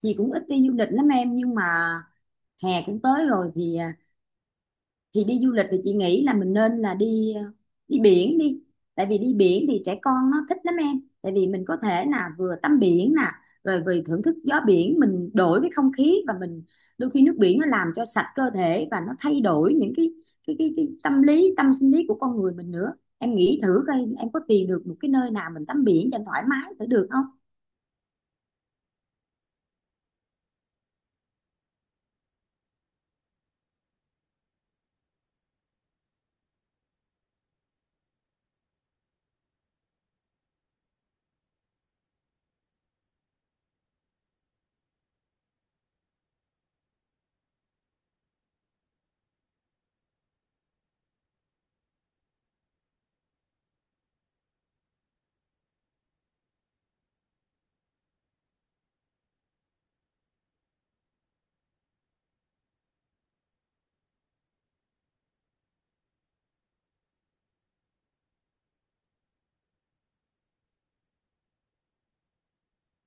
Chị cũng ít đi du lịch lắm em, nhưng mà hè cũng tới rồi thì thì đi du lịch thì chị nghĩ là mình nên là đi biển đi. Tại vì đi biển thì trẻ con nó thích lắm em, tại vì mình có thể là vừa tắm biển nè, rồi vừa thưởng thức gió biển, mình đổi cái không khí, và mình đôi khi nước biển nó làm cho sạch cơ thể và nó thay đổi những cái tâm lý tâm sinh lý của con người mình nữa. Em nghĩ thử coi em có tìm được một cái nơi nào mình tắm biển cho thoải mái thử được không?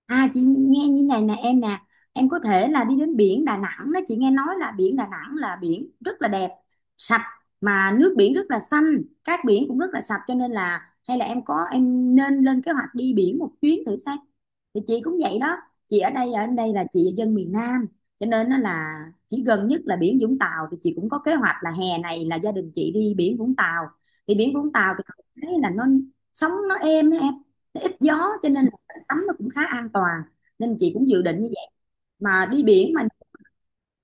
À, chị nghe như này nè em nè. Em có thể là đi đến biển Đà Nẵng đó. Chị nghe nói là biển Đà Nẵng là biển rất là đẹp. Sạch, mà nước biển rất là xanh, cát biển cũng rất là sạch, cho nên là hay là em có em nên lên kế hoạch đi biển một chuyến thử xem. Thì chị cũng vậy đó. Chị ở đây là chị dân miền Nam, cho nên nó là chỉ gần nhất là biển Vũng Tàu. Thì chị cũng có kế hoạch là hè này là gia đình chị đi biển Vũng Tàu. Thì biển Vũng Tàu thì thấy là nó sóng nó êm á em, nó ít gió cho nên tắm nó cũng khá an toàn, nên chị cũng dự định như vậy. Mà đi biển mà,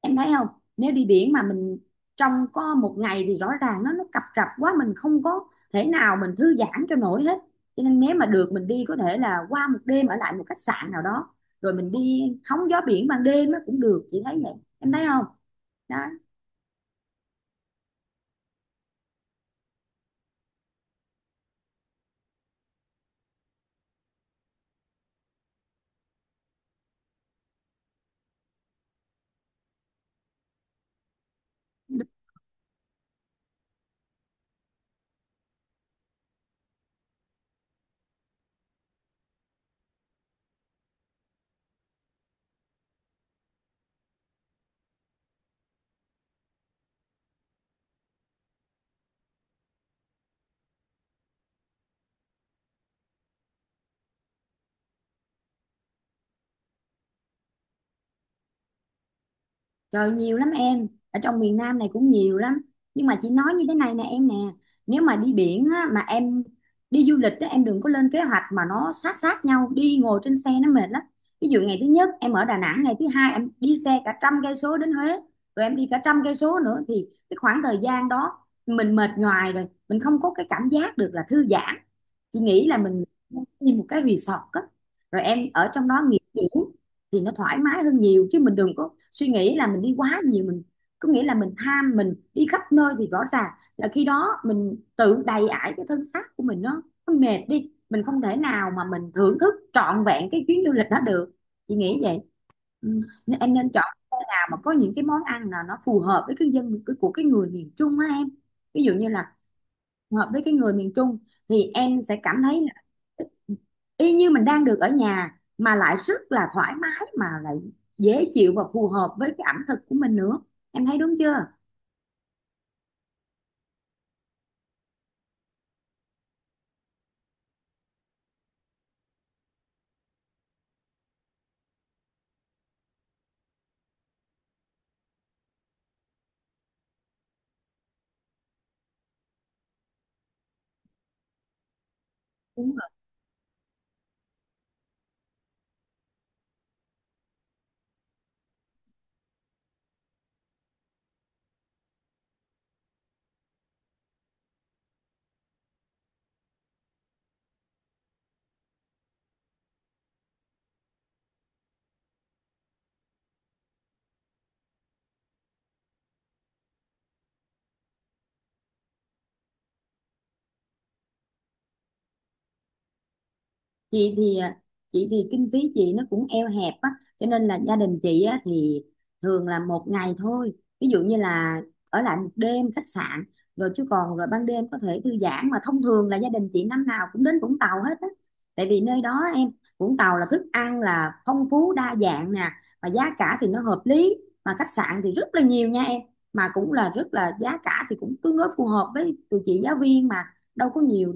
em thấy không, nếu đi biển mà mình trong có một ngày thì rõ ràng nó cập rập quá, mình không có thể nào mình thư giãn cho nổi hết, cho nên nếu mà được mình đi có thể là qua một đêm ở lại một khách sạn nào đó, rồi mình đi hóng gió biển ban đêm nó cũng được, chị thấy vậy. Em thấy không? Đó. Trời nhiều lắm em, ở trong miền Nam này cũng nhiều lắm. Nhưng mà chị nói như thế này nè em nè, nếu mà đi biển á, mà em đi du lịch á, em đừng có lên kế hoạch mà nó sát sát nhau, đi ngồi trên xe nó mệt lắm. Ví dụ ngày thứ nhất em ở Đà Nẵng, ngày thứ hai em đi xe cả trăm cây số đến Huế, rồi em đi cả trăm cây số nữa thì cái khoảng thời gian đó mình mệt nhoài rồi, mình không có cái cảm giác được là thư giãn. Chị nghĩ là mình nên đi một cái resort á, rồi em ở trong đó nghỉ dưỡng thì nó thoải mái hơn nhiều, chứ mình đừng có suy nghĩ là mình đi quá nhiều, mình có nghĩa là mình tham mình đi khắp nơi thì rõ ràng là khi đó mình tự đầy ải cái thân xác của mình, nó mệt đi mình không thể nào mà mình thưởng thức trọn vẹn cái chuyến du lịch đó được. Chị nghĩ vậy. Ừ. Nên em nên chọn nào mà có những cái món ăn là nó phù hợp với của cái người miền Trung á em. Ví dụ như là hợp với cái người miền Trung thì em sẽ cảm thấy là y như mình đang được ở nhà mà lại rất là thoải mái mà lại dễ chịu và phù hợp với cái ẩm thực của mình nữa. Em thấy đúng chưa? Chị thì chị thì kinh phí chị nó cũng eo hẹp á, cho nên là gia đình chị á thì thường là một ngày thôi. Ví dụ như là ở lại một đêm khách sạn rồi, chứ còn rồi ban đêm có thể thư giãn, mà thông thường là gia đình chị năm nào cũng đến Vũng Tàu hết á. Tại vì nơi đó em, Vũng Tàu là thức ăn là phong phú đa dạng nè, và giá cả thì nó hợp lý, mà khách sạn thì rất là nhiều nha em, mà cũng là rất là, giá cả thì cũng tương đối phù hợp với tụi chị giáo viên mà, đâu có nhiều,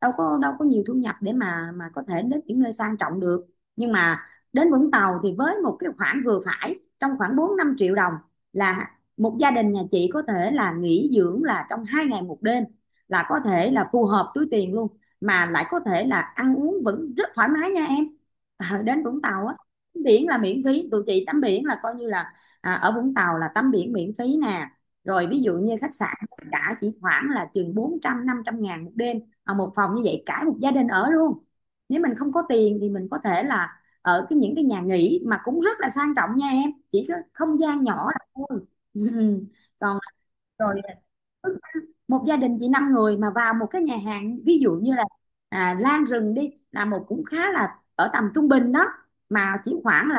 đâu có nhiều thu nhập để mà có thể đến những nơi sang trọng được. Nhưng mà đến Vũng Tàu thì với một cái khoản vừa phải trong khoảng 4-5 triệu đồng là một gia đình nhà chị có thể là nghỉ dưỡng là trong 2 ngày 1 đêm, là có thể là phù hợp túi tiền luôn, mà lại có thể là ăn uống vẫn rất thoải mái nha em. Ờ, đến Vũng Tàu á, tắm biển là miễn phí, tụi chị tắm biển là coi như là ở Vũng Tàu là tắm biển miễn phí nè. Rồi ví dụ như khách sạn cả chỉ khoảng là chừng 400-500 ngàn một đêm. Ờ, một phòng như vậy cả một gia đình ở luôn. Nếu mình không có tiền thì mình có thể là ở cái những cái nhà nghỉ mà cũng rất là sang trọng nha em, chỉ có không gian nhỏ là thôi. Ừ. Còn rồi một gia đình chỉ 5 người mà vào một cái nhà hàng ví dụ như là Lan Rừng đi là một cũng khá là ở tầm trung bình đó, mà chỉ khoảng là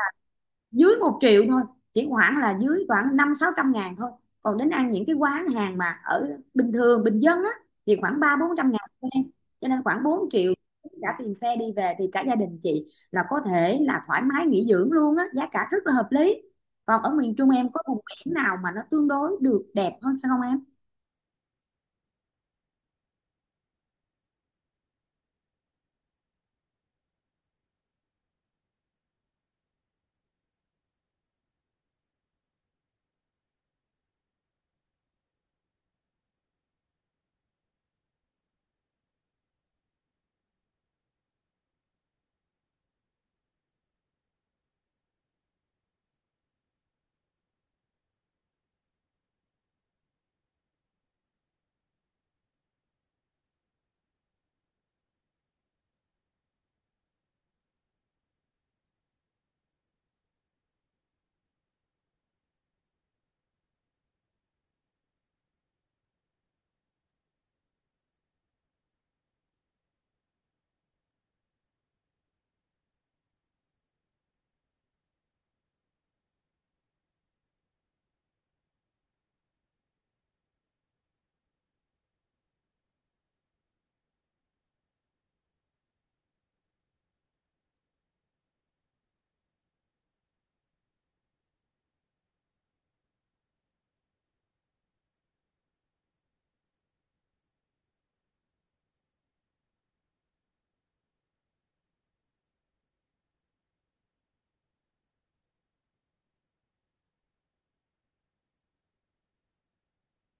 dưới 1 triệu thôi, chỉ khoảng là dưới khoảng 500-600 ngàn thôi. Còn đến ăn những cái quán hàng mà ở bình thường bình dân á thì khoảng 300-400 ngàn thôi em. Cho nên khoảng 4 triệu cả tiền xe đi về thì cả gia đình chị là có thể là thoải mái nghỉ dưỡng luôn á, giá cả rất là hợp lý. Còn ở miền Trung em có vùng biển nào mà nó tương đối được đẹp hơn phải không em?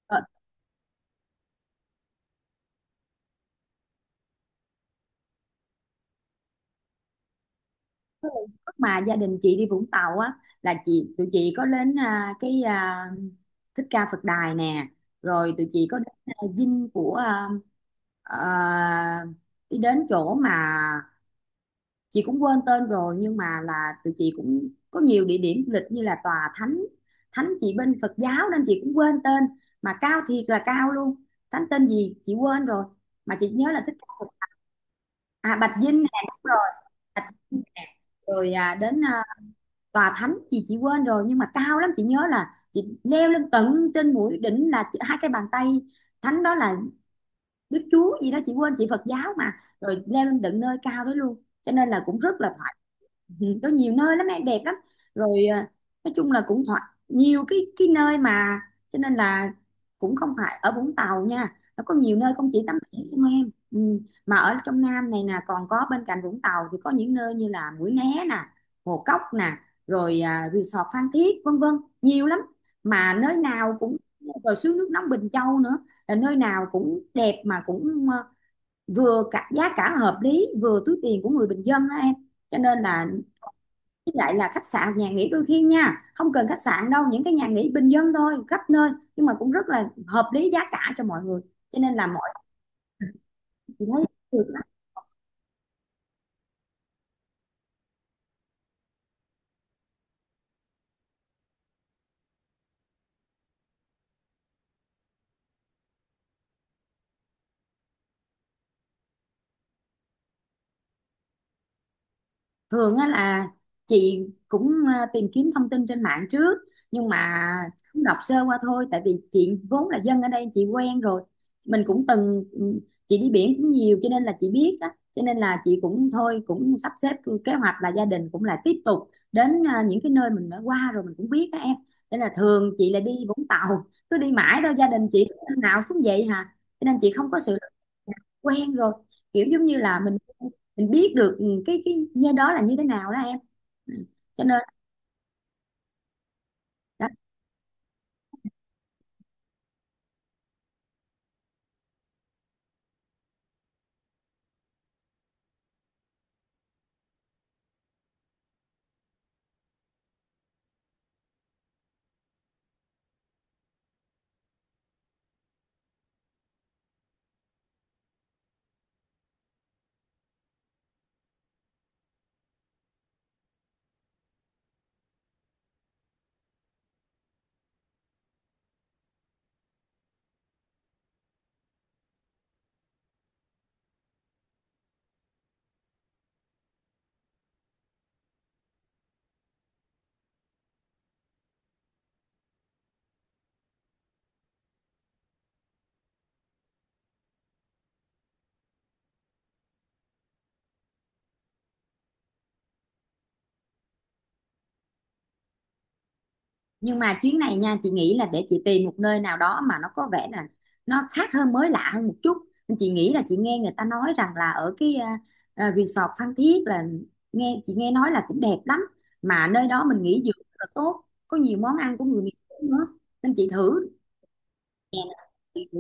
Ờ, lúc mà gia đình chị đi Vũng Tàu á là tụi chị có đến Thích Ca Phật Đài nè, rồi tụi chị có đến dinh của, Ờ, đi đến chỗ mà chị cũng quên tên rồi, nhưng mà là tụi chị cũng có nhiều địa điểm du lịch như là tòa thánh, thánh chị bên Phật giáo nên chị cũng quên tên, mà cao thiệt là cao luôn. Thánh tên gì chị quên rồi mà chị nhớ là thích cao Phật. À, Bạch Dinh nè, đúng rồi. Bạch Dinh nè. Rồi đến tòa thánh gì chị quên rồi, nhưng mà cao lắm, chị nhớ là chị leo lên tận trên mũi đỉnh là hai cái bàn tay thánh đó là Đức Chúa gì đó chị quên, chị Phật giáo mà. Rồi leo lên tận nơi cao đó luôn cho nên là cũng rất là thoải. Ừ, có nhiều nơi lắm em, đẹp lắm. Rồi nói chung là cũng thoải, nhiều cái nơi mà cho nên là cũng không phải ở Vũng Tàu nha, nó có nhiều nơi không chỉ tắm biển không em. Ừ. Mà ở trong Nam này nè còn có, bên cạnh Vũng Tàu thì có những nơi như là Mũi Né nè, Hồ Cốc nè, rồi resort Phan Thiết vân vân, nhiều lắm mà nơi nào cũng, rồi suối nước nóng Bình Châu nữa, nơi nào cũng đẹp mà cũng vừa cả giá cả hợp lý vừa túi tiền của người bình dân đó em. Cho nên là, với lại là khách sạn nhà nghỉ đôi khi nha không cần khách sạn đâu, những cái nhà nghỉ bình dân thôi khắp nơi nhưng mà cũng rất là hợp lý giá cả cho mọi người, cho nên là mọi, chị thấy được lắm. Thường á là chị cũng tìm kiếm thông tin trên mạng trước, nhưng mà cũng đọc sơ qua thôi, tại vì chị vốn là dân ở đây, chị quen rồi. Mình cũng từng chị đi biển cũng nhiều cho nên là chị biết á, cho nên là chị cũng thôi cũng sắp xếp kế hoạch là gia đình cũng là tiếp tục đến những cái nơi mình đã qua rồi mình cũng biết á em, nên là thường chị là đi Vũng Tàu cứ đi mãi đâu, gia đình chị năm nào cũng vậy hả, cho nên chị không có sự, quen rồi, kiểu giống như là mình biết được cái nơi đó là như thế nào đó em. Ừ. Cho nên đó. Nhưng mà chuyến này nha chị nghĩ là để chị tìm một nơi nào đó mà nó có vẻ là nó khác hơn mới lạ hơn một chút. Nên chị nghĩ là chị nghe người ta nói rằng là ở cái resort Phan Thiết là chị nghe nói là cũng đẹp lắm, mà nơi đó mình nghỉ dưỡng rất là tốt, có nhiều món ăn của người miền Trung nữa. Nên chị thử nè, chị thử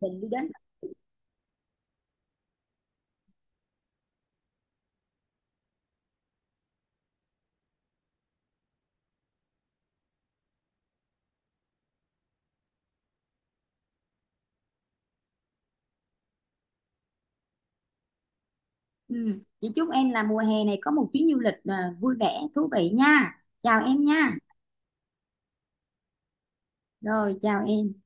mình đi đến. Ừ. Chị chúc em là mùa hè này có một chuyến du lịch vui vẻ thú vị nha, chào em nha. Rồi, chào em.